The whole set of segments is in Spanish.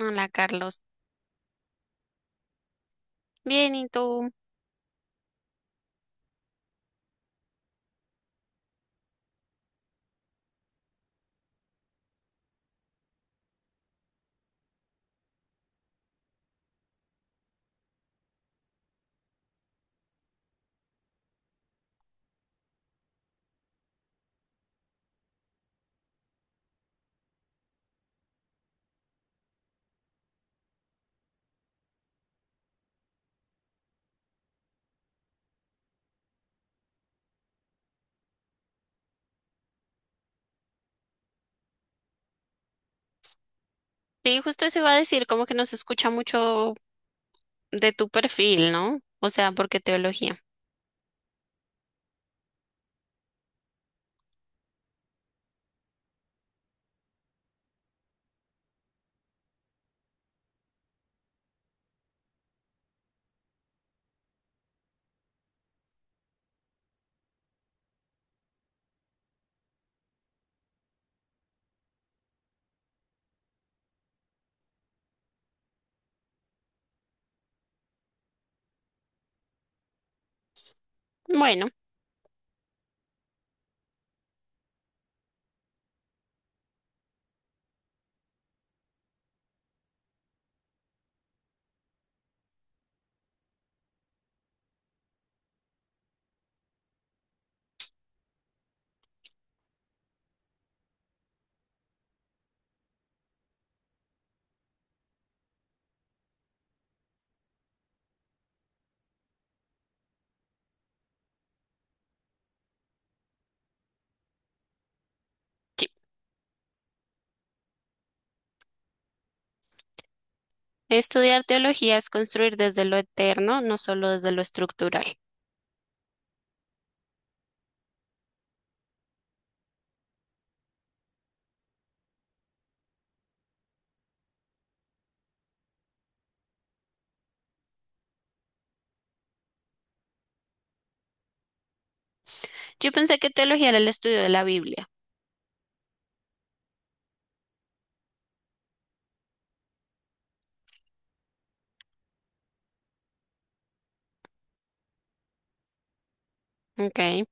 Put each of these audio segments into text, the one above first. Hola Carlos, bien, ¿y tú? Sí, justo eso iba a decir, como que no se escucha mucho de tu perfil, ¿no? O sea, porque teología. Bueno, sí, estudiar teología es construir desde lo eterno, no solo desde lo estructural. Yo pensé que teología era el estudio de la Biblia, ¿ok?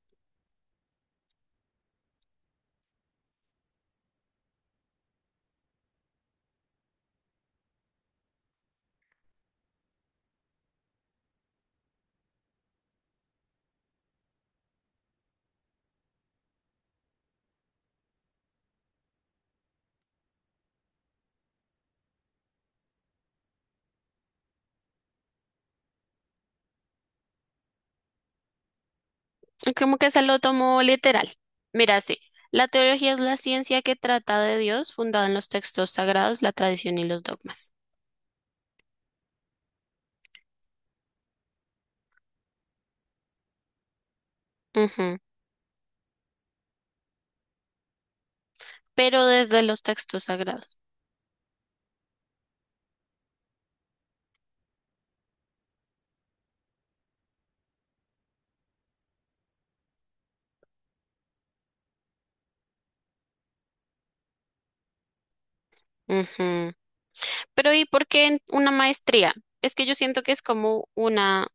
Como que se lo tomó literal. Mira, sí, la teología es la ciencia que trata de Dios, fundada en los textos sagrados, la tradición y los dogmas. Ujú. Pero desde los textos sagrados. Ujú. Pero ¿y por qué en una maestría? Es que yo siento que es como una,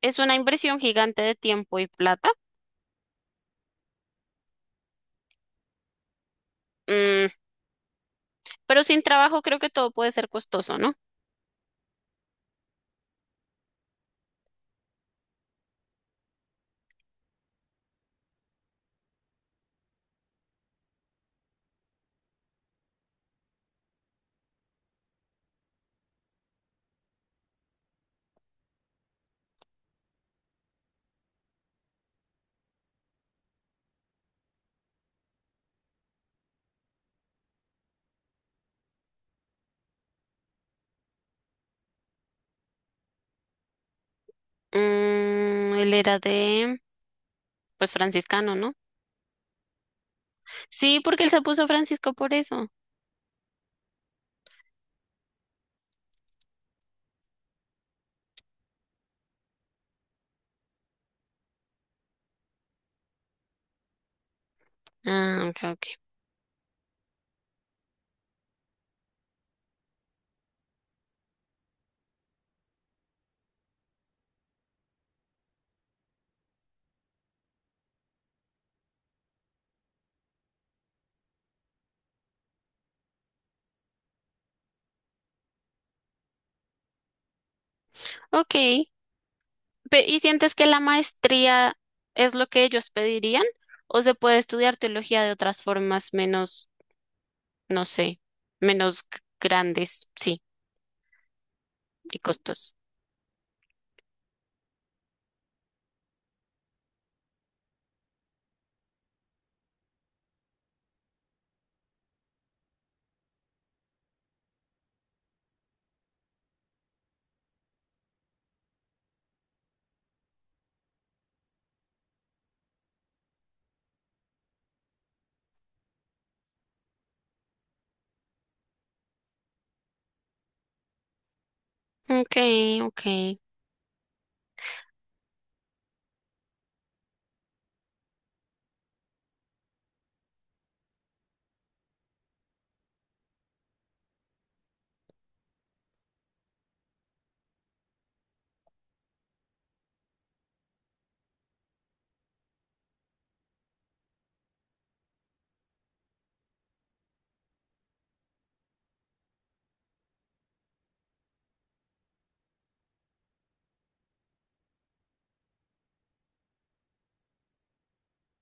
es una inversión gigante de tiempo y plata. Mm, pero sin trabajo creo que todo puede ser costoso, ¿no? Él era de, pues franciscano, ¿no? Sí, porque él se puso Francisco por eso. Ah, ok, ok. Ok. ¿Y sientes que la maestría es lo que ellos pedirían? ¿O se puede estudiar teología de otras formas menos, no sé, menos grandes, sí, y costos? Ok, ok.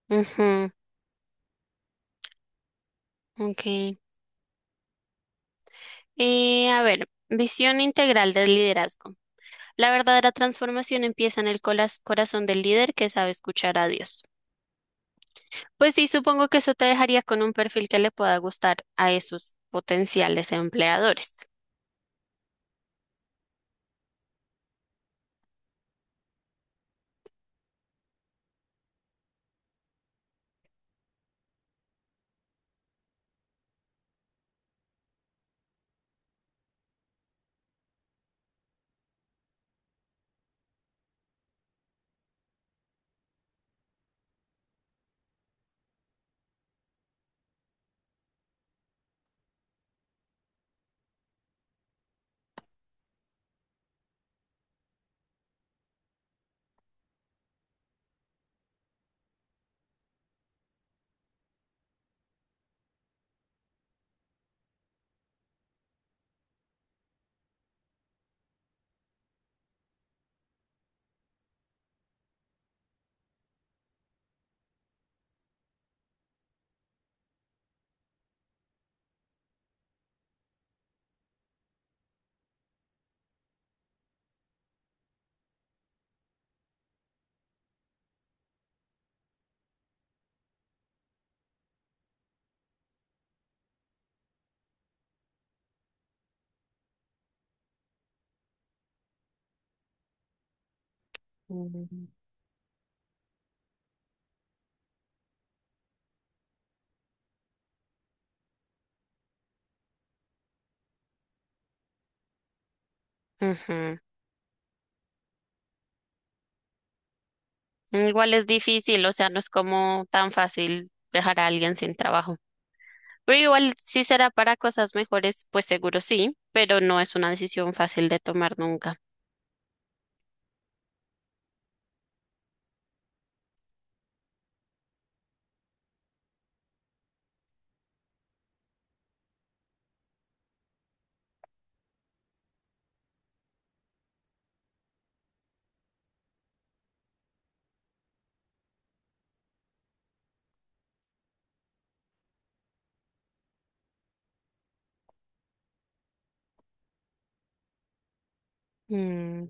Ujú, ok. A ver, visión integral del liderazgo. La verdadera transformación empieza en el corazón del líder que sabe escuchar a Dios. Pues sí, supongo que eso te dejaría con un perfil que le pueda gustar a esos potenciales empleadores. Ujú. Igual es difícil, o sea, no es como tan fácil dejar a alguien sin trabajo. Pero igual si será para cosas mejores, pues seguro sí, pero no es una decisión fácil de tomar nunca. Mm,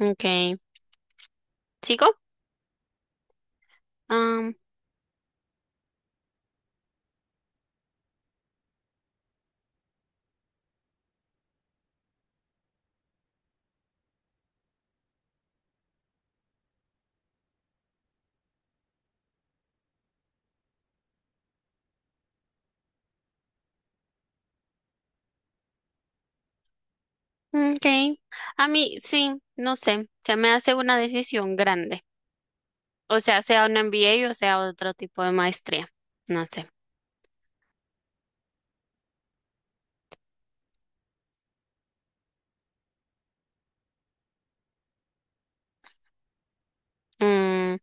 ok. ¿Sigo? Ah, mm, okay. A mí sí, no sé, se me hace una decisión grande. O sea, sea un MBA o sea otro tipo de maestría. No sé. Mm,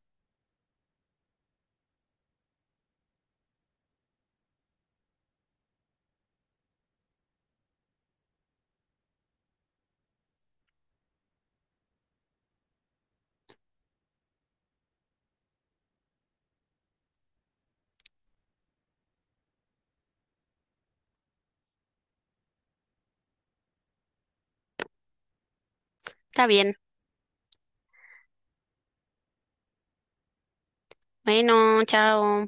está bien. Bueno, chao.